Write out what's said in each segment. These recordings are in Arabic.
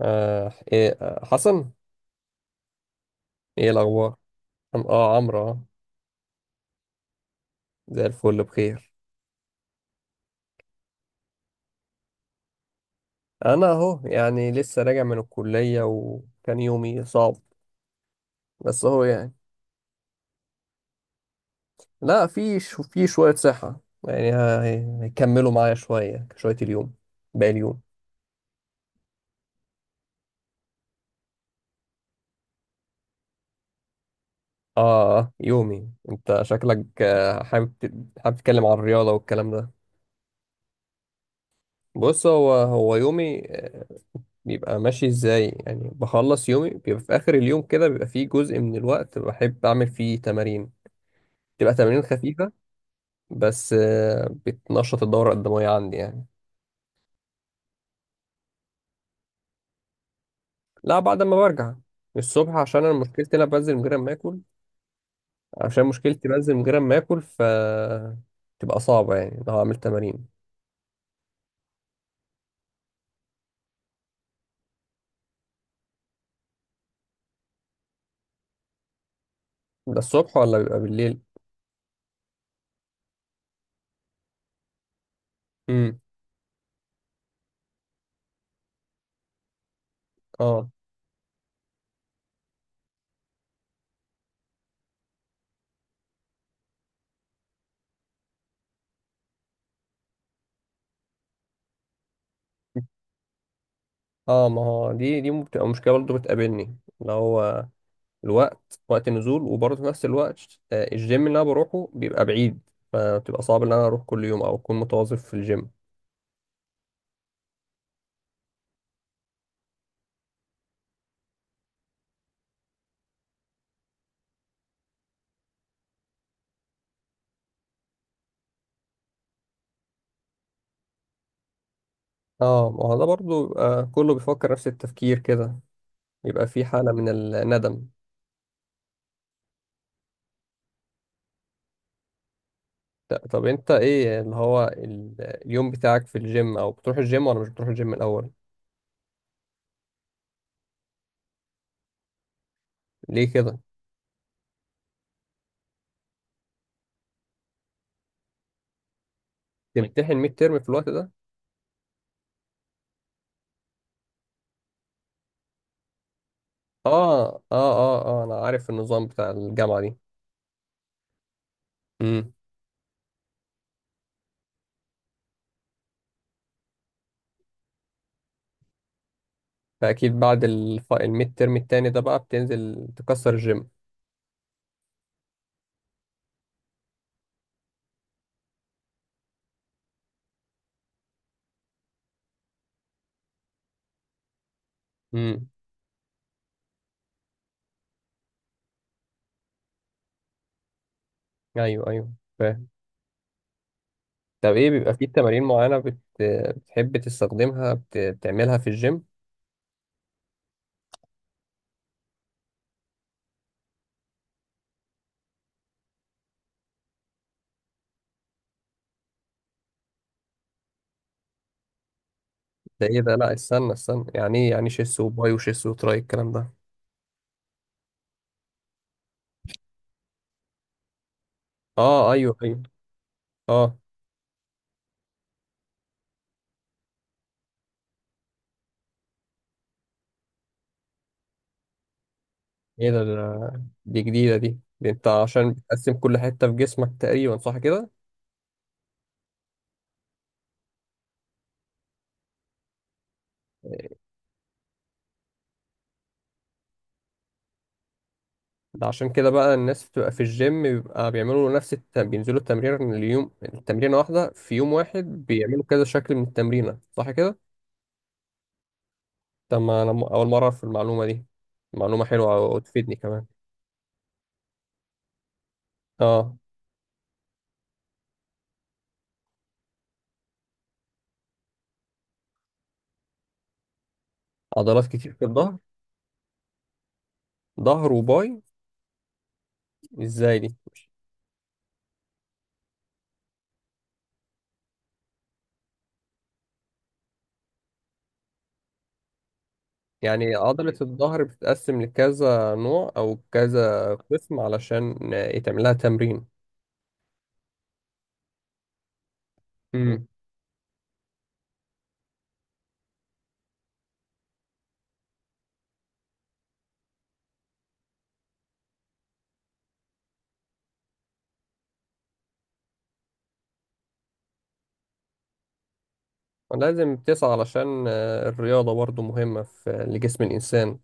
آه إيه آه، حسن. ايه الاخبار؟ عمرو، آه، زي الفل بخير. انا اهو يعني لسه راجع من الكليه وكان يومي صعب بس اهو يعني. لا في شو في شويه صحه يعني. هيكملوا معايا شويه شويه اليوم، باقي اليوم. اه يومي، انت شكلك حابب حابب تتكلم عن الرياضه والكلام ده. بص هو يومي بيبقى ماشي ازاي، يعني بخلص يومي بيبقى في اخر اليوم كده، بيبقى فيه جزء من الوقت بحب اعمل فيه تمارين، تبقى تمارين خفيفة بس بتنشط الدورة الدموية عندي يعني. لا بعد ما برجع. الصبح عشان انا مشكلتي انا بنزل من غير ما اكل. عشان مشكلتي بنزل من غير ما اكل، ف تبقى صعبة يعني لو هعمل تمارين. ده الصبح ولا بيبقى بالليل؟ امم. اه. اه ما هو دي بتبقى مشكلة برضه بتقابلني، اللي هو الوقت، وقت النزول، وبرضه في نفس الوقت الجيم اللي انا بروحه بيبقى بعيد، فبتبقى صعب ان انا اروح كل يوم او اكون متواظب في الجيم. اه ما هو ده برضه بيبقى كله بيفكر نفس التفكير كده، يبقى في حالة من الندم. طب انت ايه اللي هو اليوم بتاعك في الجيم، او بتروح الجيم ولا مش بتروح الجيم الاول؟ ليه كده؟ تمتحن ميد ترم في الوقت ده؟ اه اه اه اه انا عارف النظام بتاع الجامعة دي. امم. فاكيد بعد الميد ترم التاني ده بقى بتنزل تكسر الجيم. امم. ايوه ايوه، فاهم. طب ايه بيبقى في تمارين معينة بتحب تستخدمها، بتعملها في الجيم؟ ده ايه ده، لا استنى استنى. يعني ايه يعني شيس وباي وشيس وتراي الكلام ده؟ اه ايوه ايوه. اه. ايه ده، ده دي جديدة دي. انت عشان بتقسم كل حتة في جسمك تقريبا، صح كده؟ ده عشان كده بقى الناس بتبقى في الجيم بيبقى بيعملوا نفس بينزلوا التمرين اليوم، التمرينة واحدة في يوم واحد بيعملوا كذا شكل من التمرينة، صح كده؟ طب ما انا اول مرة اعرف المعلومة دي، معلومة حلوة وتفيدني كمان. اه. عضلات كتير في الظهر. ظهر وباي. ازاي دي؟ يعني عضلة الظهر بتتقسم لكذا نوع أو كذا قسم علشان يتعمل لها تمرين؟ امم. ولازم تسعى علشان الرياضة برضو مهمة في لجسم الإنسان.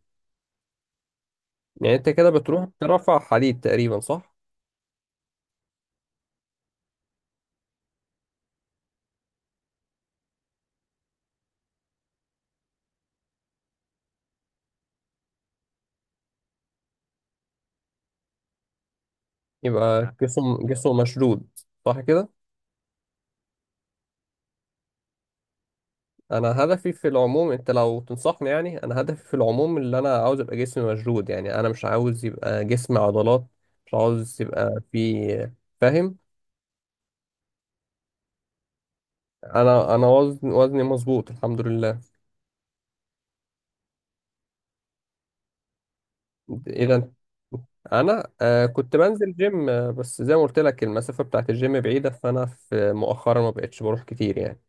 يعني أنت كده بتروح ترفع حديد تقريبا، صح؟ يبقى جسم جسمه مشدود، صح كده؟ أنا هدفي في العموم، أنت لو تنصحني، يعني أنا هدفي في العموم اللي أنا عاوز أبقى جسمي مشدود، يعني أنا مش عاوز يبقى جسمي عضلات، مش عاوز يبقى في. فاهم؟ أنا وزني مظبوط الحمد لله. اذا انا آه كنت بنزل جيم بس زي ما قلت لك المسافه بتاعت الجيم بعيده، فانا في مؤخرا ما بقتش بروح كتير يعني.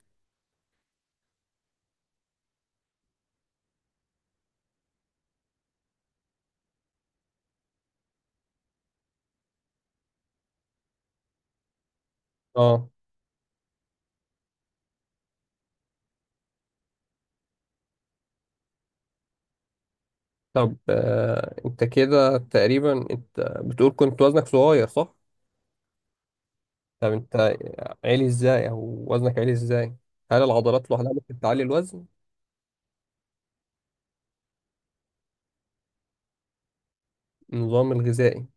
اه. طب آه انت كده تقريبا انت بتقول كنت وزنك صغير، صح؟ طب انت عالي ازاي او وزنك عالي ازاي؟ هل العضلات لوحدها ممكن تعلي الوزن؟ النظام الغذائي؟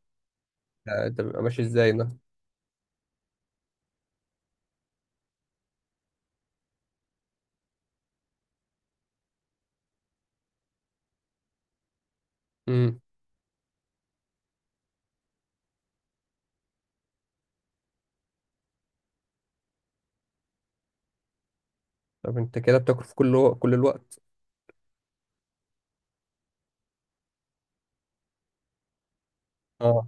ده بيبقى ماشي ازاي ده؟ امم. طب انت كده بتاكل في كل الوقت؟ اه.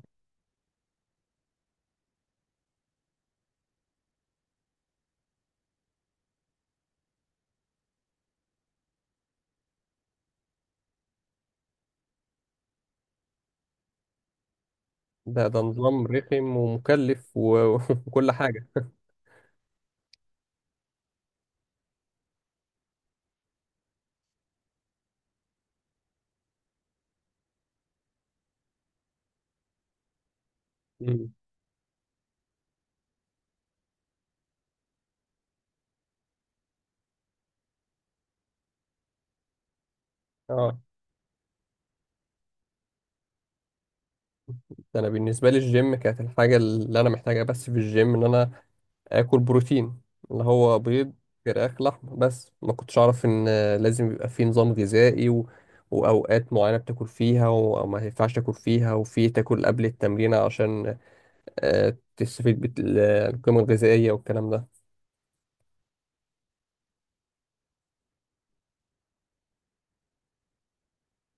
ده ده نظام رخم ومكلف وكل حاجه. امم. اه. ده انا بالنسبه لي الجيم كانت الحاجه اللي انا محتاجها، بس في الجيم ان انا اكل بروتين، اللي هو بيض، فراخ، لحم. بس ما كنتش اعرف ان لازم يبقى في نظام غذائي و واوقات معينه بتاكل فيها وما ينفعش تاكل فيها، وفي تاكل قبل التمرين عشان تستفيد بالقيمه الغذائيه والكلام ده.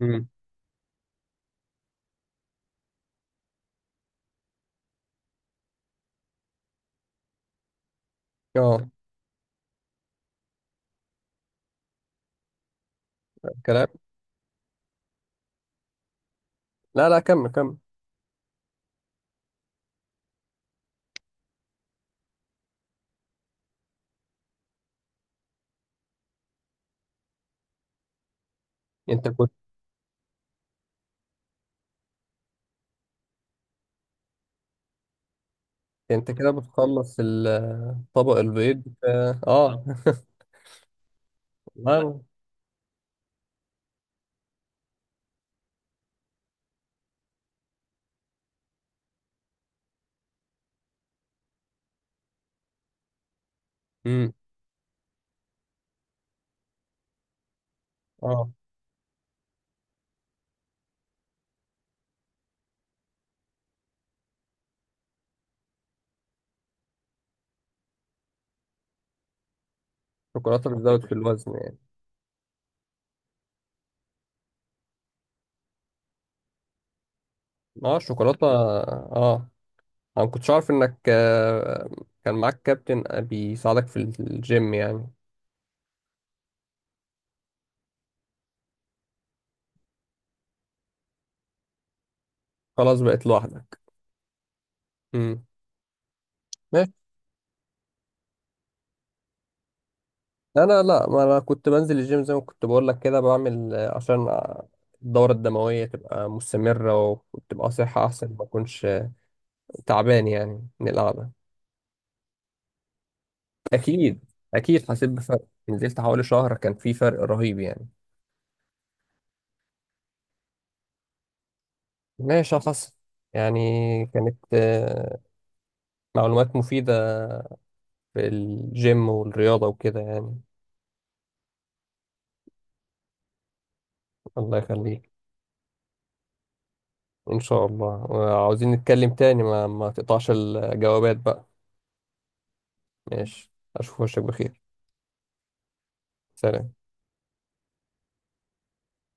امم. اه. كلام. لا لا، كمل كمل. انت كنت انت كده بتخلص طبق البيض. اه آه. لا. امم. اه. الشوكولاته بتزود في الوزن يعني؟ اه الشوكولاته اه. انا ما كنتش عارف انك كان معاك كابتن بيساعدك في الجيم يعني. خلاص بقيت لوحدك. امم. ماشي. انا لا، ما انا كنت بنزل الجيم زي ما كنت بقول لك كده، بعمل عشان الدورة الدموية تبقى مستمرة، وتبقى صحة أحسن ما أكونش تعبان يعني من القعدة. أكيد. أكيد حسيت بفرق، نزلت حوالي شهر كان في فرق رهيب يعني. ماشي يا حسن. يعني كانت معلومات مفيدة في الجيم والرياضة وكده يعني. الله يخليك. إن شاء الله، وعاوزين نتكلم تاني، ما ما تقطعش الجوابات بقى. ماشي. أشوف وشك بخير. سلام.